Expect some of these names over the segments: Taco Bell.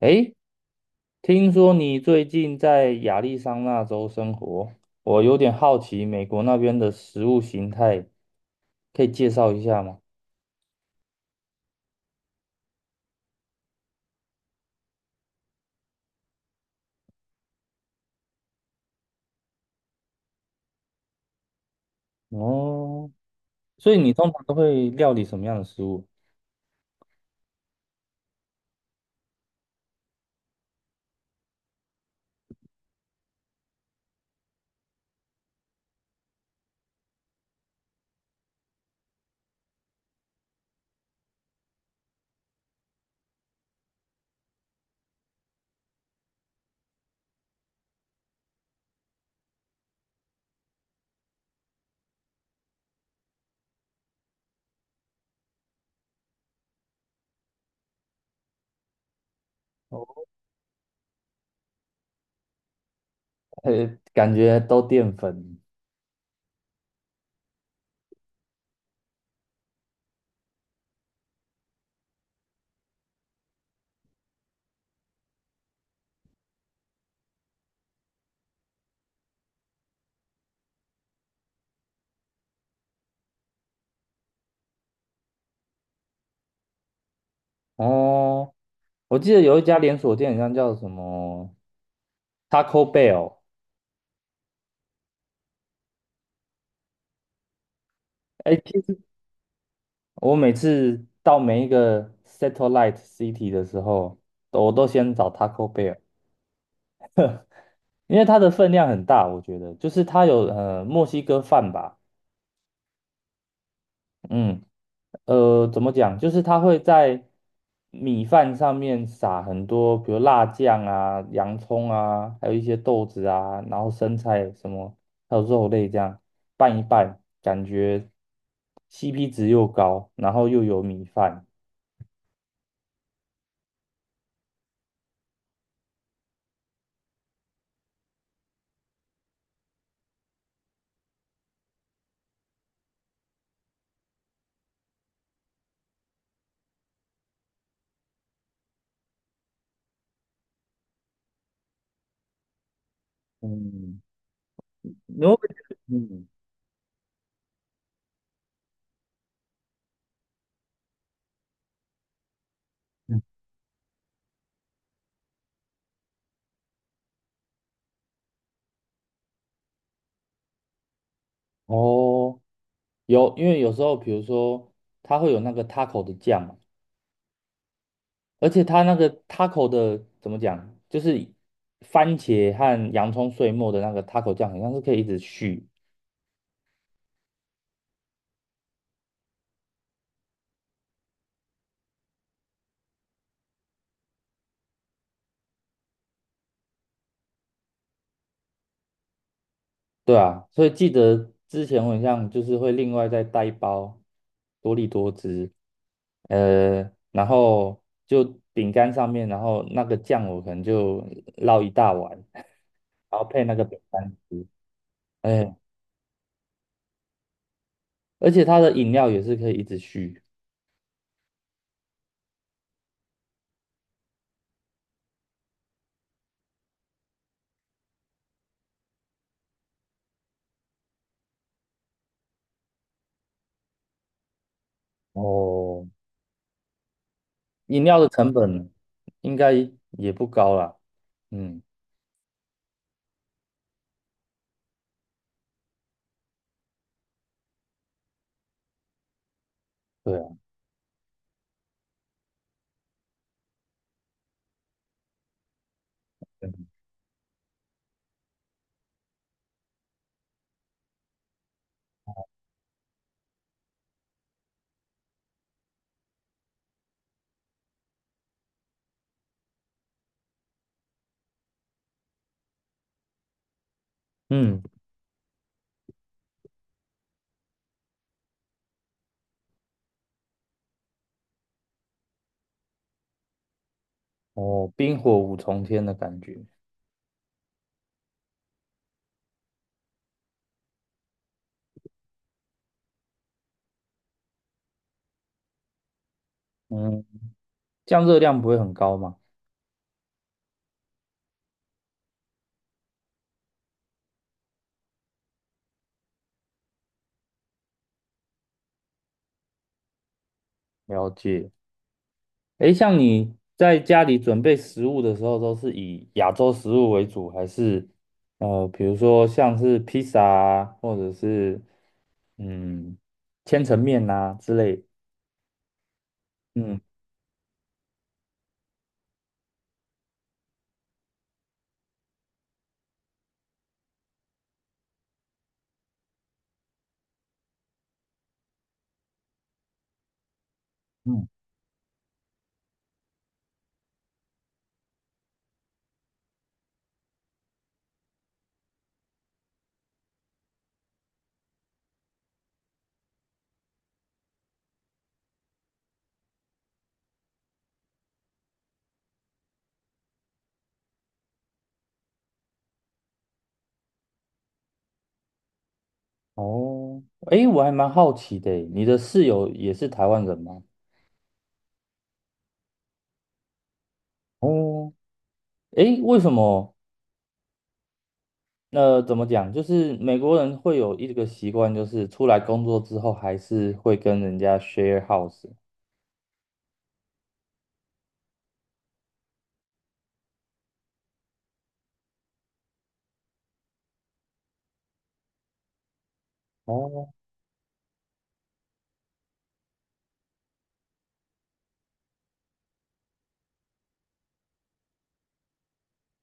诶，听说你最近在亚利桑那州生活，我有点好奇美国那边的食物形态，可以介绍一下吗？哦，所以你通常都会料理什么样的食物？哦感觉都淀粉。哦，我记得有一家连锁店，好像叫什么 Taco Bell。哎，其实我每次到每一个 satellite city 的时候，我都先找 Taco Bell。因为它的分量很大，我觉得就是它有墨西哥饭吧。嗯，怎么讲，就是它会在米饭上面撒很多，比如辣酱啊、洋葱啊，还有一些豆子啊，然后生菜什么，还有肉类这样拌一拌，感觉 CP 值又高，然后又有米饭。嗯，你会不会觉得嗯。嗯，哦，有，因为有时候比如说它会有那个 taco 的酱嘛，而且它那个 taco 的怎么讲，就是番茄和洋葱碎末的那个 taco 酱，好像是可以一直续。对啊，所以记得之前我好像就是会另外再带一包多利多汁，然后就饼干上面，然后那个酱我可能就捞一大碗，然后配那个饼干吃。哎，而且它的饮料也是可以一直续。哦，饮料的成本应该也不高啦，嗯。对啊。嗯，哦，冰火五重天的感觉。嗯，这样热量不会很高吗？了解。诶，像你在家里准备食物的时候，都是以亚洲食物为主，还是比如说像是披萨啊，或者是嗯，千层面呐、之类？嗯嗯，哦，诶，我还蛮好奇的欸，你的室友也是台湾人吗？哦，诶，为什么那怎么讲？就是美国人会有一个习惯，就是出来工作之后还是会跟人家 share house。哦，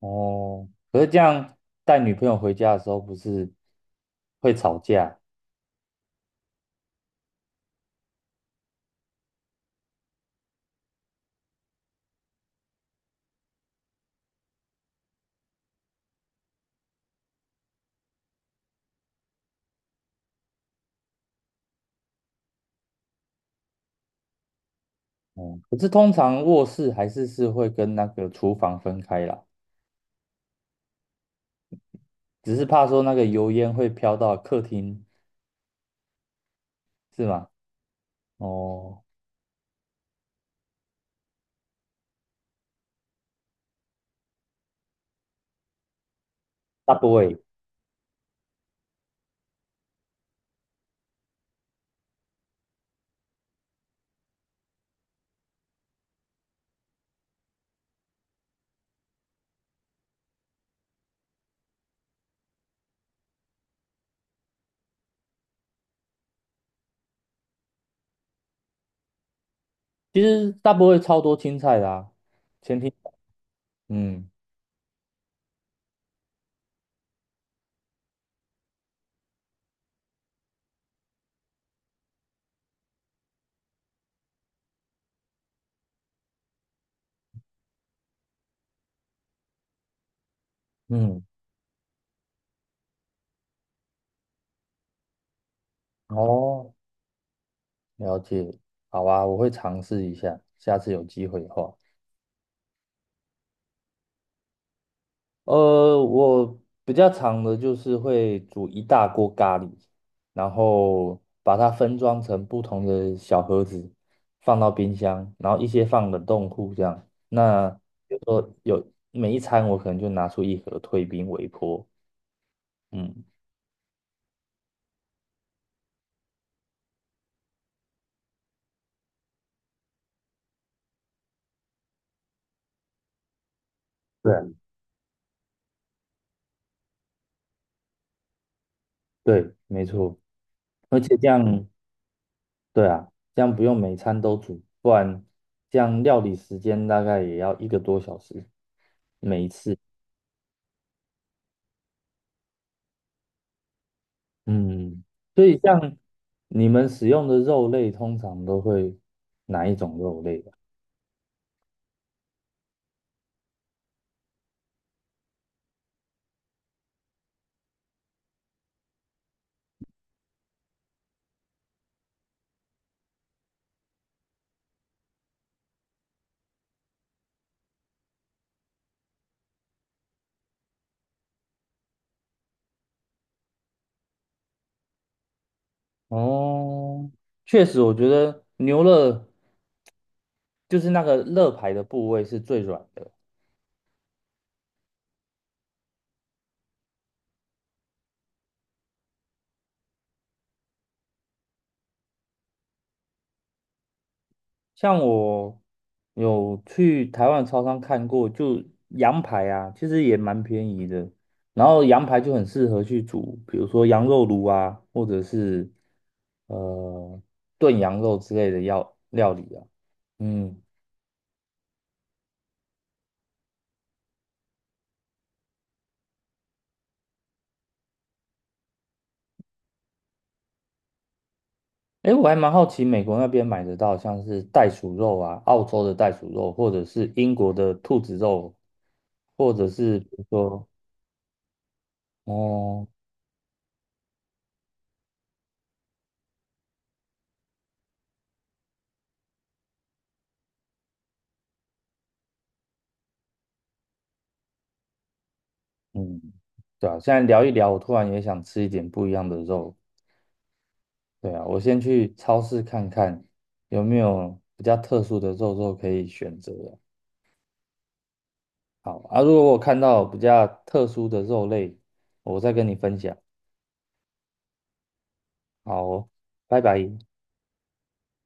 哦，可是这样带女朋友回家的时候，不是会吵架？嗯，可是通常卧室还是是会跟那个厨房分开啦，只是怕说那个油烟会飘到客厅，是吗？哦，大部位其实大部位超多青菜的啊，前提嗯嗯，哦，了解。好啊，我会尝试一下，下次有机会的话。我比较常的就是会煮一大锅咖喱，然后把它分装成不同的小盒子，放到冰箱，然后一些放冷冻库这样。那比如说有每一餐，我可能就拿出一盒退冰微波。嗯，对啊。对，没错。而且这样，对啊，这样不用每餐都煮，不然这样料理时间大概也要一个多小时。每一次，嗯，所以像你们使用的肉类，通常都会哪一种肉类啊。哦，确实，我觉得牛肋就是那个肋排的部位是最软的。像我有去台湾超商看过，就羊排啊，其实也蛮便宜的。然后羊排就很适合去煮，比如说羊肉炉啊，或者是呃炖羊肉之类的料料理啊。嗯。哎，我还蛮好奇，美国那边买得到像是袋鼠肉啊，澳洲的袋鼠肉，或者是英国的兔子肉，或者是比如说，哦，嗯，对啊，现在聊一聊，我突然也想吃一点不一样的肉。对啊，我先去超市看看有没有比较特殊的肉肉可以选择啊。好啊，如果我看到比较特殊的肉类，我再跟你分享。好哦，拜拜。